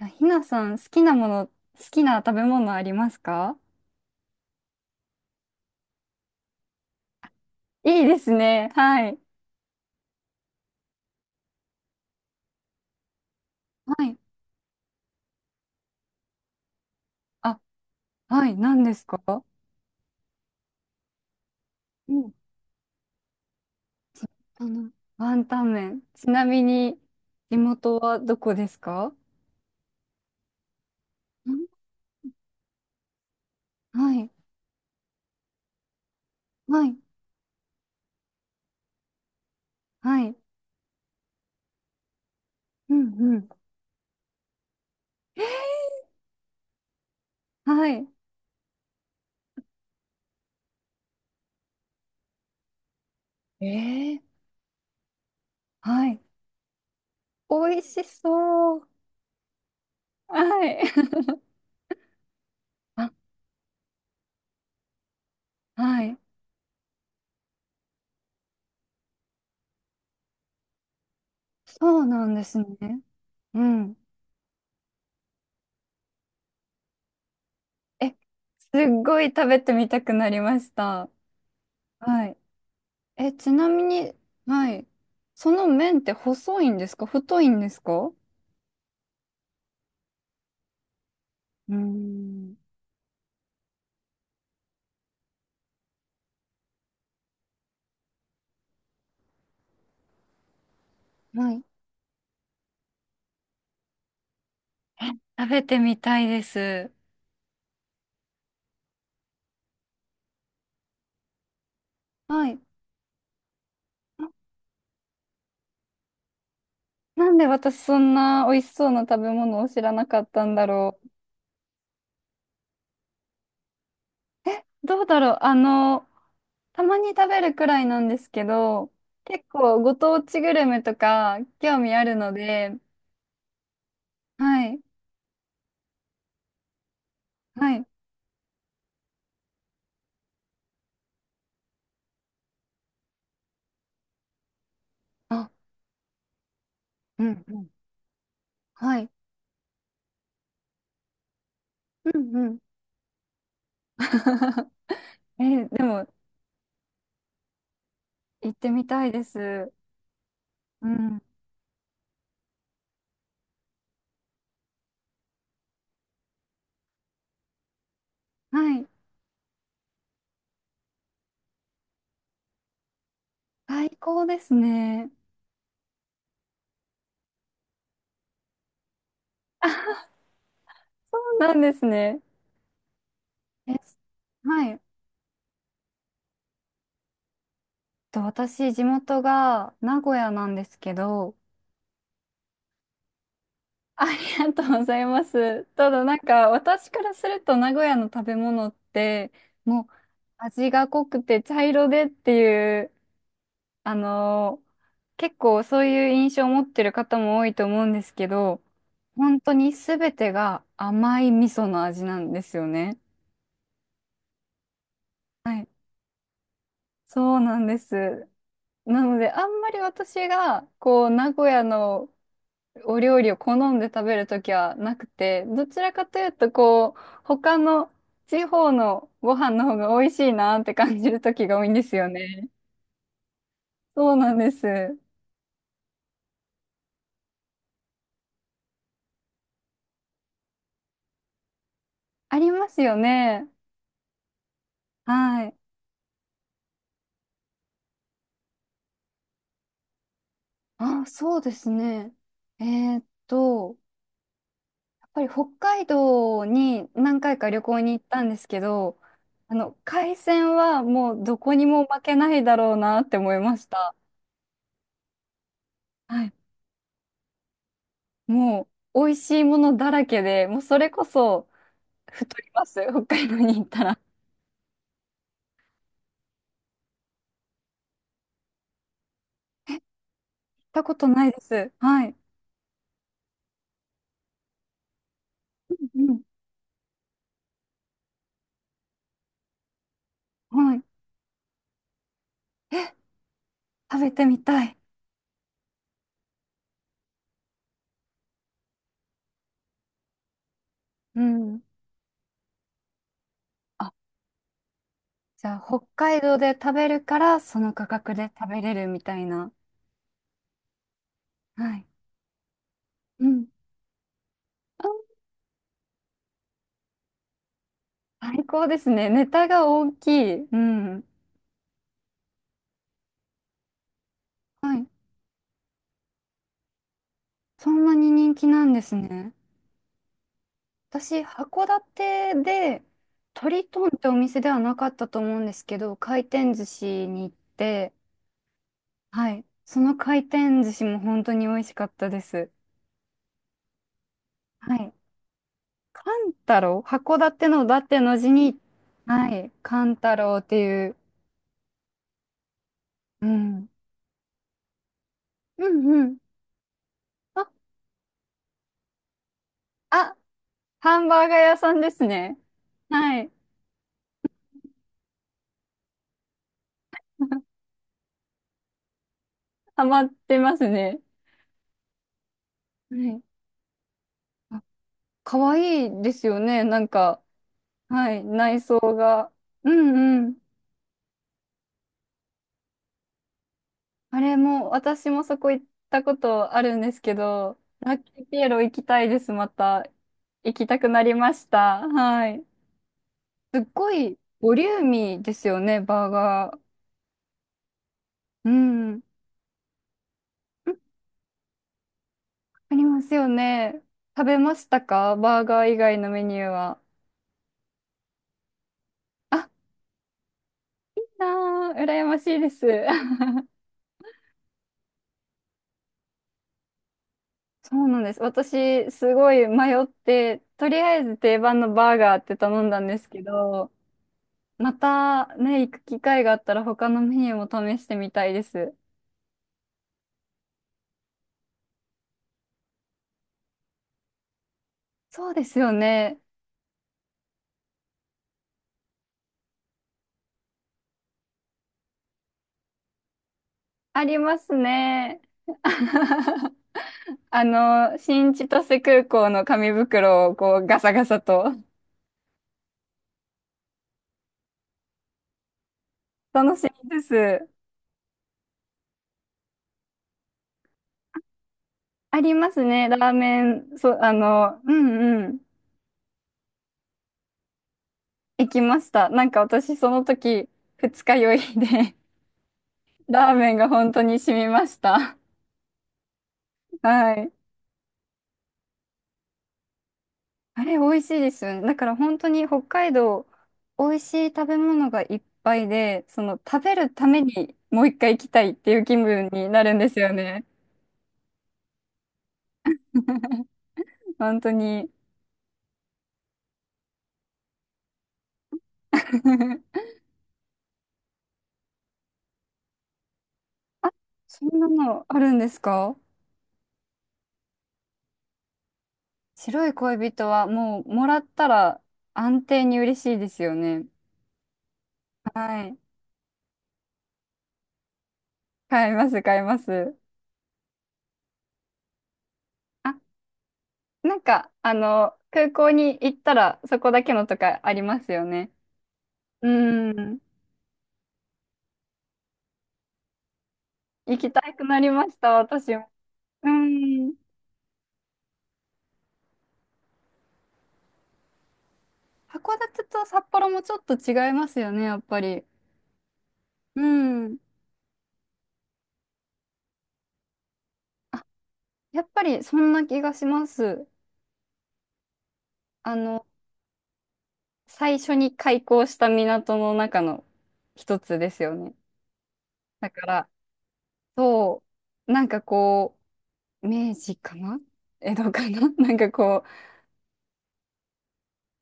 あひなさん、好きなもの、好きな食べ物ありますか？いいですね。はい。はい。あ、はい、何ですか？うん。あの、ワンタン麺。ちなみに、地元はどこですか？んはい、はい、はい。うん、うん。はい。えー、はい。美味しそう。はい。あ、はい。そうなんですね。うん。え、すっごい食べてみたくなりました。はい。え、ちなみに、はい。その麺って細いんですか？太いんですか？うーん。はい。食べてみたいです。はい。あ、なんで私そんな美味しそうな食べ物を知らなかったんだろう。どうだろう。たまに食べるくらいなんですけど、結構ご当地グルメとか興味あるので、はい。はい。あ、うんうん。はい。うんうん。え、でも、行ってみたいです。うん。はい。最高ですね。そうなんですね。え、はい。私、地元が名古屋なんですけど、ありがとうございます。ただなんか私からすると名古屋の食べ物ってもう味が濃くて茶色でっていうあのー結構そういう印象を持ってる方も多いと思うんですけど、本当に全てが甘い味噌の味なんですよね。はい。そうなんです。なので、あんまり私が、こう、名古屋のお料理を好んで食べるときはなくて、どちらかというと、こう、他の地方のご飯の方が美味しいなって感じるときが多いんですよね。そうなんです。ありますよね。はい。あ、そうですね。えーっと、やっぱり北海道に何回か旅行に行ったんですけど、あの、海鮮はもうどこにも負けないだろうなって思いました。はい、もう美味しいものだらけで、もうそれこそ太ります。北海道に行ったら。行ったことないです。はい。うん。はい。え、食べてみたい。うん。あ、じゃあ北海道で食べるからその価格で食べれるみたいな。はい。うん。あ、最高ですね。ネタが大きい。うん。はい。そんなに人気なんですね。私、函館で、トリトンってお店ではなかったと思うんですけど、回転寿司に行って、はい。その回転寿司も本当に美味しかったです。はい。カンタロウ函館のだっての字に、はい。カンタロウっていう、うん。うんうん。あ、あ、ハンバーガー屋さんですね。はい。ハマってますね。はい。あ、可愛いいですよね。なんか、はい。内装が。うんうん。あれも、私もそこ行ったことあるんですけど、ラッキーピエロ行きたいです、また。行きたくなりました。はい。すっごいボリューミーですよね、バーガー。うん。うん、ありますよね。食べましたか？バーガー以外のメニューは。あ、いいなー、羨ましいです。そうなんです。私、すごい迷って、とりあえず定番のバーガーって頼んだんですけど、またね、行く機会があったら他のメニューも試してみたいです。そうですよね。ありますね。あの、新千歳空港の紙袋をこうガサガサと楽しみです。ありますね、ラーメン、そう、あの、うんうん、行きました。なんか私その時、二日酔いで ラーメンが本当に染みました。はい。あれ、美味しいですよね。だから本当に北海道、美味しい食べ物がいっぱいで、その食べるためにもう一回行きたいっていう気分になるんですよね。本当に。あ、そんなのあるんですか？白い恋人はもうもらったら安定に嬉しいですよね。はい。買います、買います。あ、なんか、あの、空港に行ったらそこだけのとかありますよね。うん。行きたくなりました、私も。うん。函館と札幌もちょっと違いますよね、やっぱり。うん。あ、やっぱりそんな気がします。あの、最初に開港した港の中の一つですよね。だから、そう、なんかこう、明治かな、江戸かな、 なんかこう、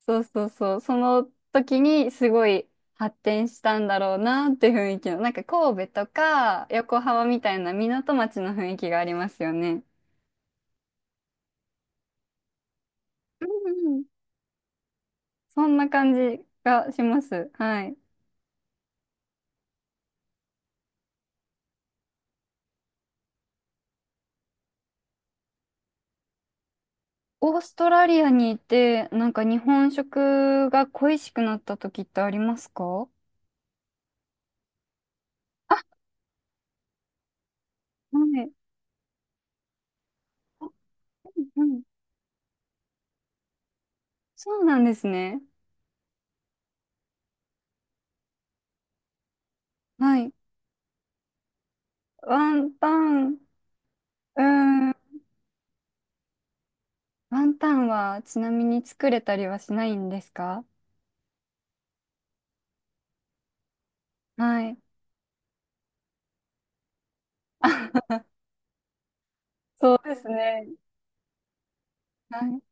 そうそうそう、その時にすごい発展したんだろうなって雰囲気の、なんか神戸とか横浜みたいな港町の雰囲気がありますよね。うんうん、そんな感じがします。はい。オーストラリアにいて、なんか日本食が恋しくなった時ってありますか？はい。うんうん。そうなんですね。はい。ワンタン、うーん。ワンタンはちなみに作れたりはしないんですか？はい。そうですね。はい。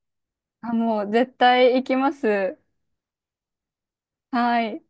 あ、もう絶対行きます。はい。